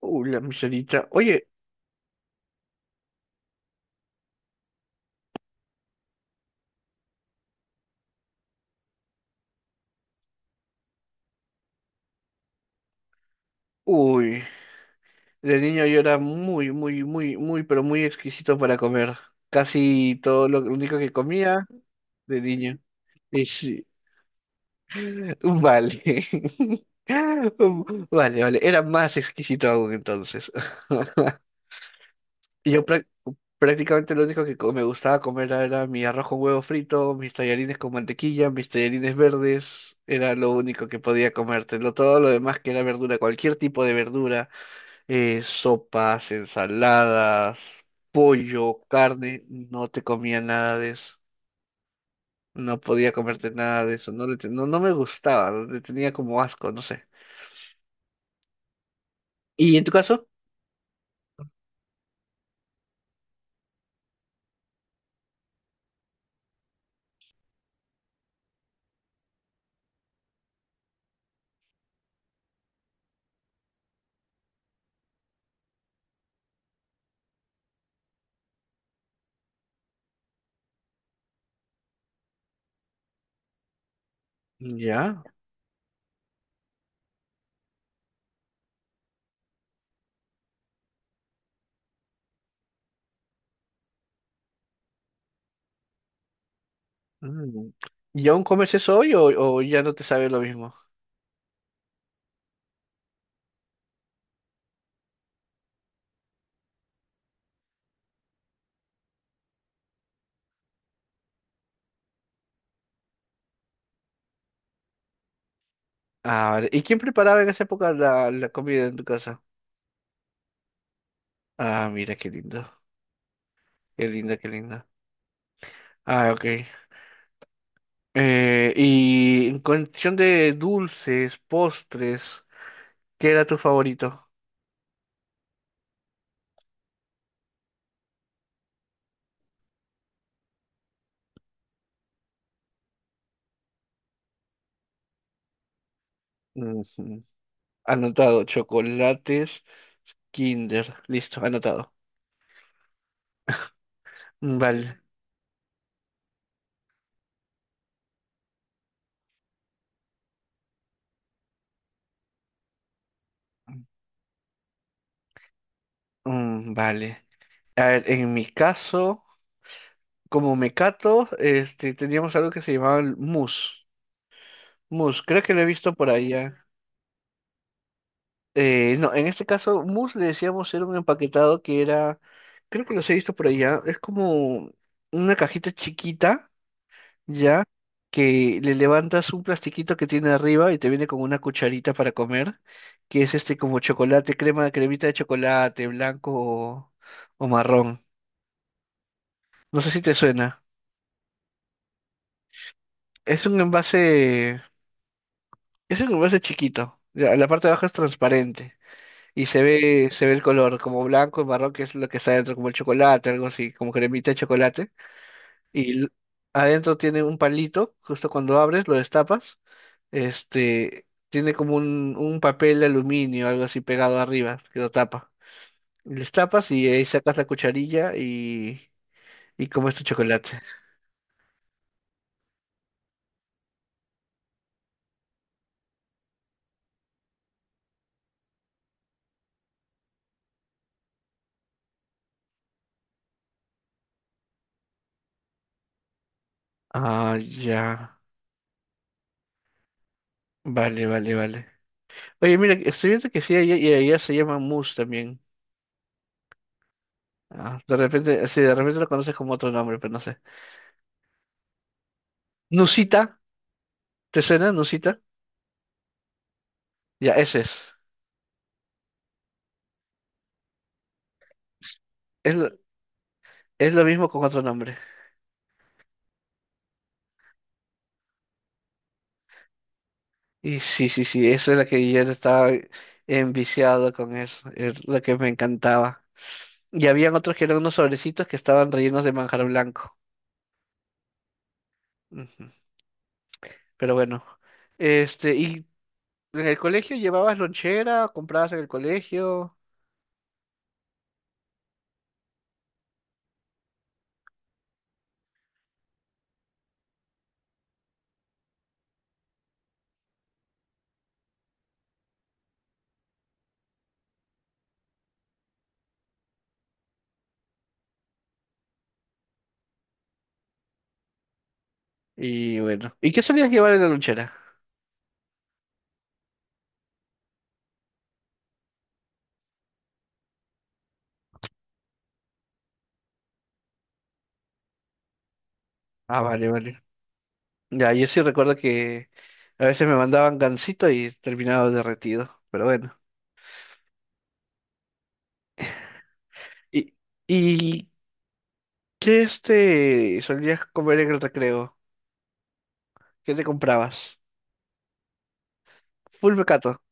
Uy, la miserita. Oye, uy, de niño yo era muy, muy, muy, muy, pero muy exquisito para comer. Casi todo lo único que comía de niño. Y sí, vale. Vale, vale. Era más exquisito aún entonces. Y yo prácticamente lo único que me gustaba comer era mi arroz con huevo frito, mis tallarines con mantequilla, mis tallarines verdes. Era lo único que podía comértelo. Todo lo demás que era verdura, cualquier tipo de verdura, sopas, ensaladas, pollo, carne, no te comía nada de eso. No podía comerte nada de eso, no, no, no me gustaba, le tenía como asco, no sé. ¿Y en tu caso? Ya. Mm. ¿Y aún comes eso hoy o ya no te sabe lo mismo? Ah, vale. ¿Y quién preparaba en esa época la, la comida en tu casa? Ah, mira, qué lindo, qué lindo, qué lindo. Ah, ok. Y en cuestión de dulces, postres, ¿qué era tu favorito? Ujú. Anotado, chocolates, Kinder. Listo, anotado. Mm, vale. Mm, vale. A ver, en mi caso, como mecato, este, teníamos algo que se llamaba el mousse. Mousse, creo que lo he visto por allá. No, en este caso, mousse le decíamos era un empaquetado que era, creo que los he visto por allá, es como una cajita chiquita, ya, que le levantas un plastiquito que tiene arriba y te viene con una cucharita para comer, que es este como chocolate, crema, cremita de chocolate, blanco o marrón. No sé si te suena. Es un envase, es un envase chiquito. Ya. La parte de abajo es transparente y se ve el color como blanco y marrón, que es lo que está dentro, como el chocolate, algo así, como cremita de chocolate. Y adentro tiene un palito, justo cuando abres, lo destapas, este, tiene como un papel de aluminio, algo así pegado arriba, que lo tapa. Les tapas y ahí sacas la cucharilla y comes tu chocolate. Ah, ya. Vale, vale, vale. Oye, mira, estoy viendo que sí, allá, y allá se llama mousse también. Ah, de repente, sí, de repente lo conoces como otro nombre, pero no sé. Nusita, ¿te suena, Nusita? Ya, ese es. Es, lo- es lo mismo con otro nombre. Y sí, sí, sí, esa es la que yo estaba enviciado con eso, es lo que me encantaba. Y habían otros que eran unos sobrecitos que estaban rellenos de manjar blanco. Ujú. Pero bueno, este, y en el colegio llevabas lonchera, comprabas en el colegio, y bueno. ¿Y qué solías llevar en la lonchera? Ah, vale, vale. Ya, yo sí recuerdo que a veces me mandaban gansito y terminaba derretido, pero bueno. ¿Y, y qué este solías comer en el recreo? ¿Qué te comprabas? Full mecato.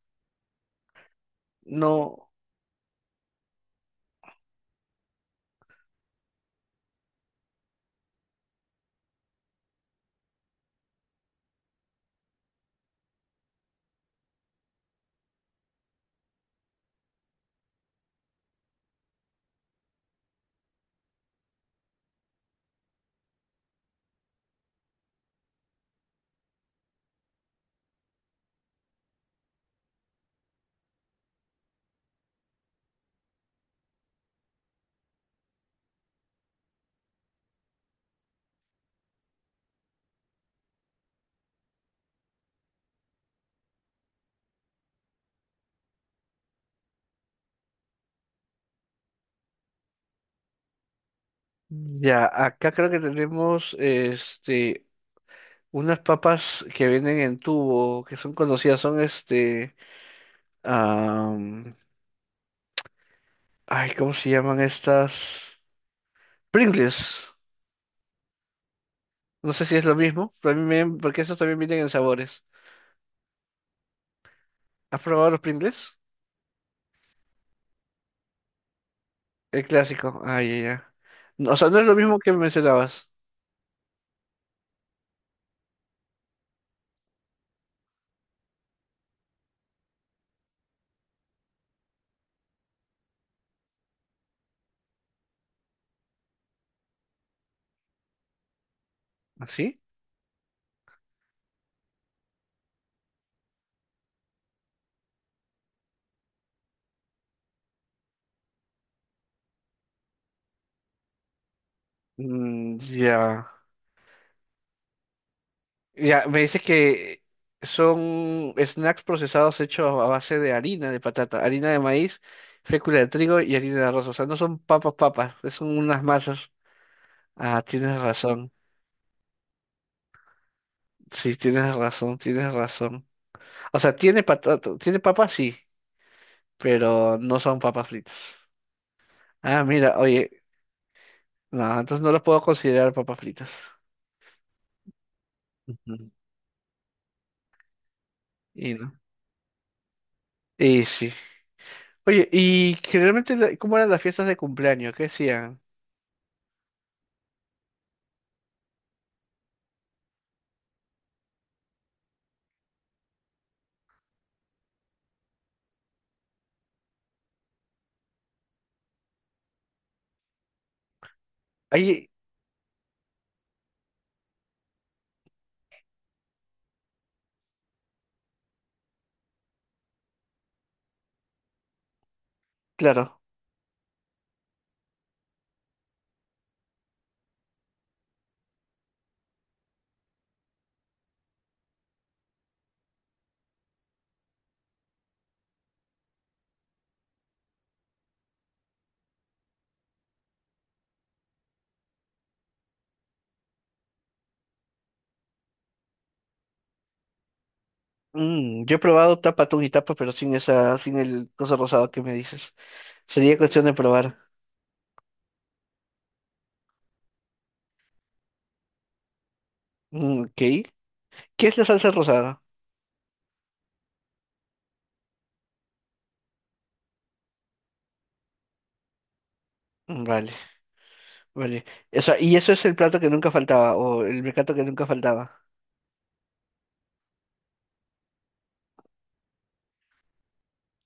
No, ya, acá creo que tenemos este unas papas que vienen en tubo, que son conocidas, son este, am, ay, ¿cómo se llaman estas? Pringles. No sé si es lo mismo, pero a mí me- porque esos también vienen en sabores. ¿Has probado los Pringles? El clásico. Ay, ya, ya. No, o sea, no es lo mismo que mencionabas. ¿Así? Mm, ya. Ya, me dices que son snacks procesados hechos a base de harina de patata, harina de maíz, fécula de trigo y harina de arroz. O sea, no son papas, papas, son unas masas. Ah, tienes razón. Sí, tienes razón, tienes razón. O sea, tiene patata, tiene papas, sí, pero no son papas fritas. Ah, mira, oye, no, entonces no los puedo considerar papas fritas. Ujú. Y no. Y sí. Oye, y generalmente, ¿cómo eran las fiestas de cumpleaños? ¿Qué hacían? Ahí, claro. Mm, yo he probado tapa atún y tapa, pero sin esa, sin el cosa rosada que me dices. Sería cuestión de probar. Mm, ok. ¿Qué es la salsa rosada? Mm, vale, vale. O sea, y eso es el plato que nunca faltaba, o el mecato que nunca faltaba.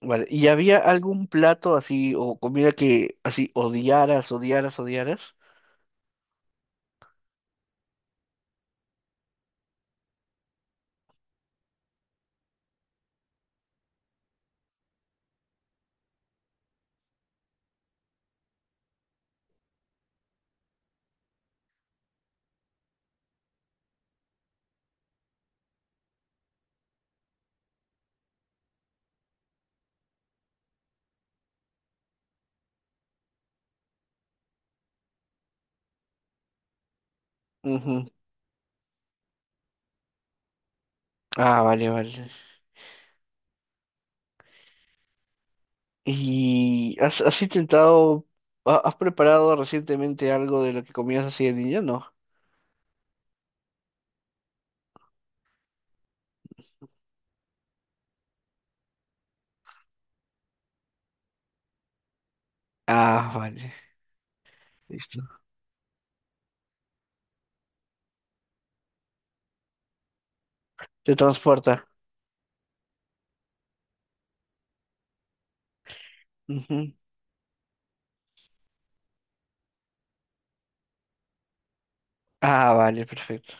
Vale. ¿Y había algún plato así, o comida que así odiaras, odiaras, odiaras? Ujú. Ah, vale, vale. ¿Y has, has intentado, has preparado recientemente algo de lo que comías así de niño? No. Ah, vale. Listo. Te transporta. Ujú. Ah, vale, perfecto.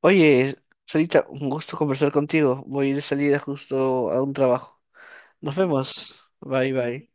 Oye, solita un gusto conversar contigo. Voy de salida justo a un trabajo. Nos vemos. Bye, bye.